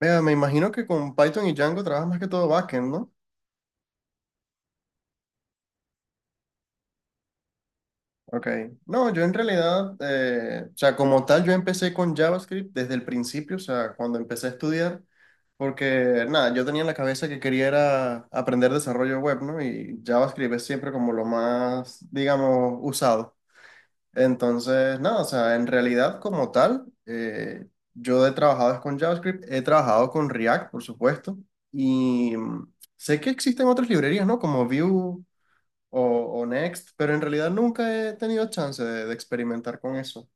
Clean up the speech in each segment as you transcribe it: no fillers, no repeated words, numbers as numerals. Vea, me imagino que con Python y Django trabajas más que todo backend, ¿no? Ok. No, yo en realidad, como tal, yo empecé con JavaScript desde el principio, o sea, cuando empecé a estudiar, porque nada, yo tenía en la cabeza que quería era aprender desarrollo web, ¿no? Y JavaScript es siempre como lo más, digamos, usado. Entonces, nada, o sea, en realidad como tal, yo he trabajado es con JavaScript, he trabajado con React, por supuesto, y sé que existen otras librerías, ¿no? Como Vue. o, o Next, pero en realidad nunca he tenido chance de experimentar con eso.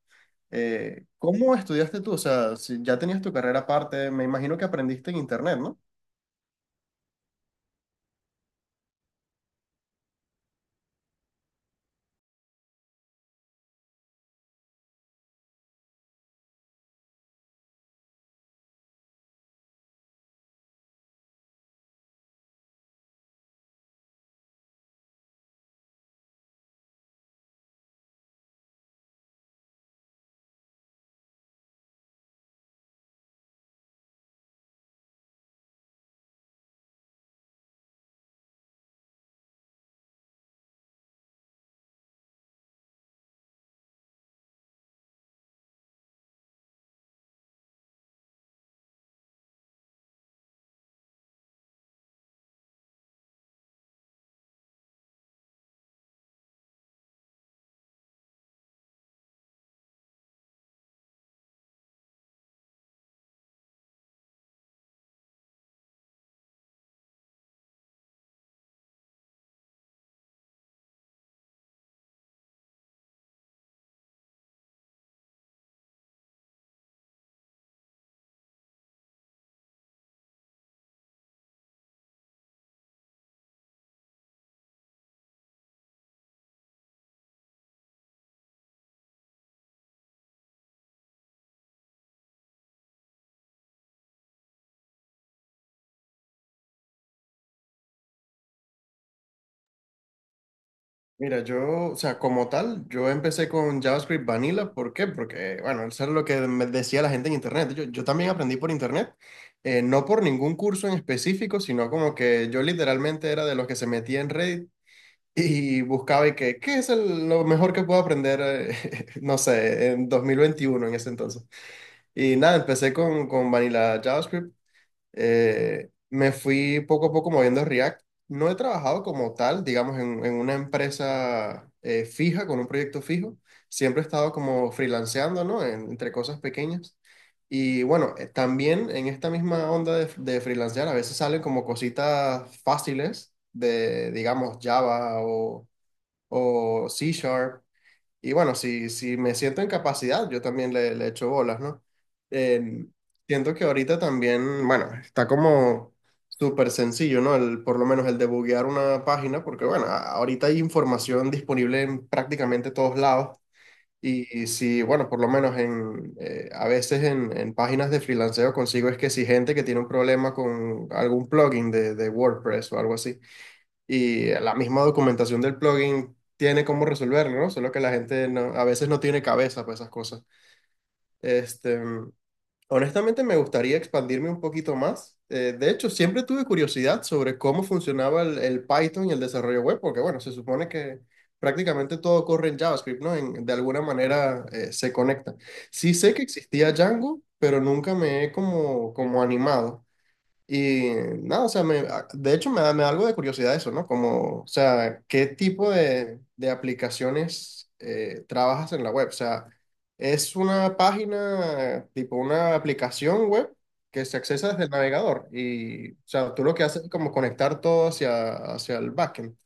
¿Cómo estudiaste tú? O sea, si ya tenías tu carrera aparte, me imagino que aprendiste en internet, ¿no? Mira, yo, o sea, como tal, yo empecé con JavaScript Vanilla, ¿por qué? Porque, bueno, eso era lo que me decía la gente en internet. Yo también aprendí por internet, no por ningún curso en específico, sino como que yo literalmente era de los que se metía en Reddit y buscaba y que, ¿qué es lo mejor que puedo aprender, no sé, en 2021 en ese entonces? Y nada, empecé con Vanilla JavaScript. Me fui poco a poco moviendo a React. No he trabajado como tal, digamos, en una empresa fija, con un proyecto fijo. Siempre he estado como freelanceando, ¿no? Entre cosas pequeñas. Y bueno, también en esta misma onda de freelancear, a veces salen como cositas fáciles de, digamos, Java o C Sharp. Y bueno, si, si me siento en capacidad, yo también le echo bolas, ¿no? Eh, Siento que ahorita también, bueno, está como súper sencillo, ¿no? El, por lo menos el debuguear una página, porque bueno, ahorita hay información disponible en prácticamente todos lados. Y si, bueno, por lo menos en, a veces en páginas de freelanceo consigo es que si gente que tiene un problema con algún plugin de WordPress o algo así y la misma documentación del plugin tiene cómo resolverlo, ¿no? Solo que la gente a veces no tiene cabeza para esas cosas. Este, honestamente me gustaría expandirme un poquito más. De hecho, siempre tuve curiosidad sobre cómo funcionaba el Python y el desarrollo web, porque bueno, se supone que prácticamente todo corre en JavaScript, ¿no? De alguna manera se conecta. Sí sé que existía Django, pero nunca me he como, como animado. Y nada, o sea, me, de hecho me da algo de curiosidad eso, ¿no? Como, o sea, ¿qué tipo de aplicaciones trabajas en la web? O sea, ¿es una página, tipo una aplicación web que se accesa desde el navegador? Y, o sea, tú lo que haces es como conectar todo hacia, hacia el backend.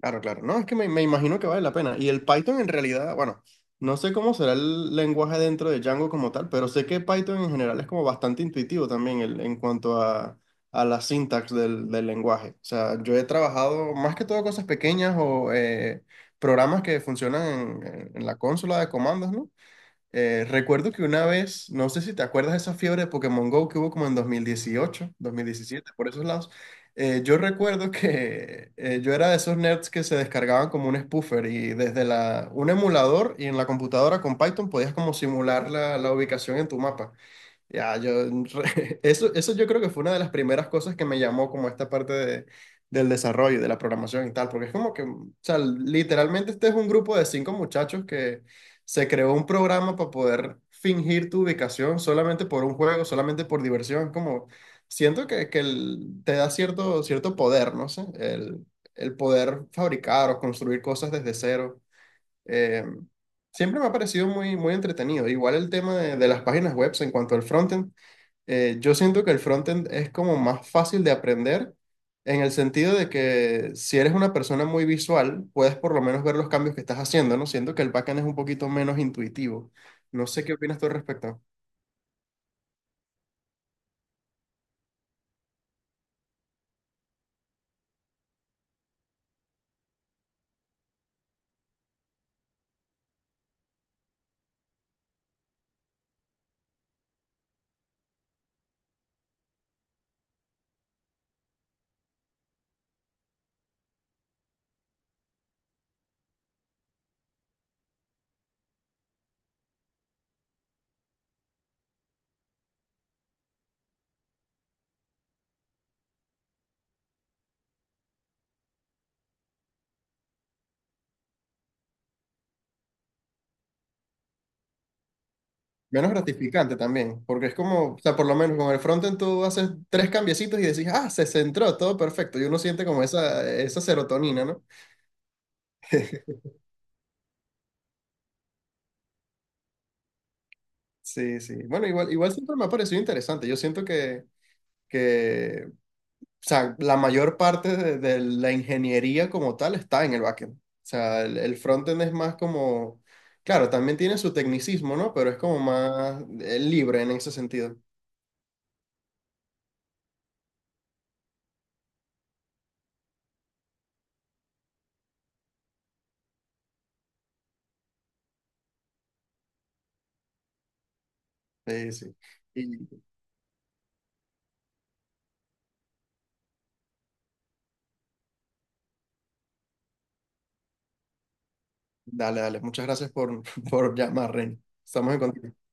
Claro, claro. No, es que me imagino que vale la pena. Y el Python en realidad, bueno, no sé cómo será el lenguaje dentro de Django como tal, pero sé que Python en general es como bastante intuitivo también en cuanto a la sintax del lenguaje. O sea, yo he trabajado más que todo cosas pequeñas o programas que funcionan en la consola de comandos, ¿no? Recuerdo que una vez, no sé si te acuerdas de esa fiebre de Pokémon Go que hubo como en 2018, 2017, por esos lados. Yo recuerdo que yo era de esos nerds que se descargaban como un spoofer y desde la, un emulador y en la computadora con Python podías como simular la, la ubicación en tu mapa. Ya, yo, eso yo creo que fue una de las primeras cosas que me llamó como esta parte de, del desarrollo, de la programación y tal, porque es como que, o sea, literalmente este es un grupo de cinco muchachos que se creó un programa para poder fingir tu ubicación solamente por un juego, solamente por diversión, como siento que te da cierto, cierto poder, no sé, el poder fabricar o construir cosas desde cero. Eh, Siempre me ha parecido muy, muy entretenido. Igual el tema de las páginas web en cuanto al frontend. Yo siento que el frontend es como más fácil de aprender en el sentido de que si eres una persona muy visual, puedes por lo menos ver los cambios que estás haciendo, ¿no? Siento que el backend es un poquito menos intuitivo. No sé qué opinas tú al respecto. Menos gratificante también, porque es como, o sea, por lo menos con el frontend tú haces tres cambiecitos y decís, ah, se centró, todo perfecto. Y uno siente como esa serotonina, ¿no? Sí, sí. Bueno, igual, igual siempre me ha parecido interesante. Yo siento que, que o sea, la mayor parte de la ingeniería como tal está en el backend. O sea, el frontend es más como, claro, también tiene su tecnicismo, ¿no? Pero es como más libre en ese sentido. Sí, sí. Y Dale, dale. Muchas gracias por, por llamar, Ren. Estamos en contacto.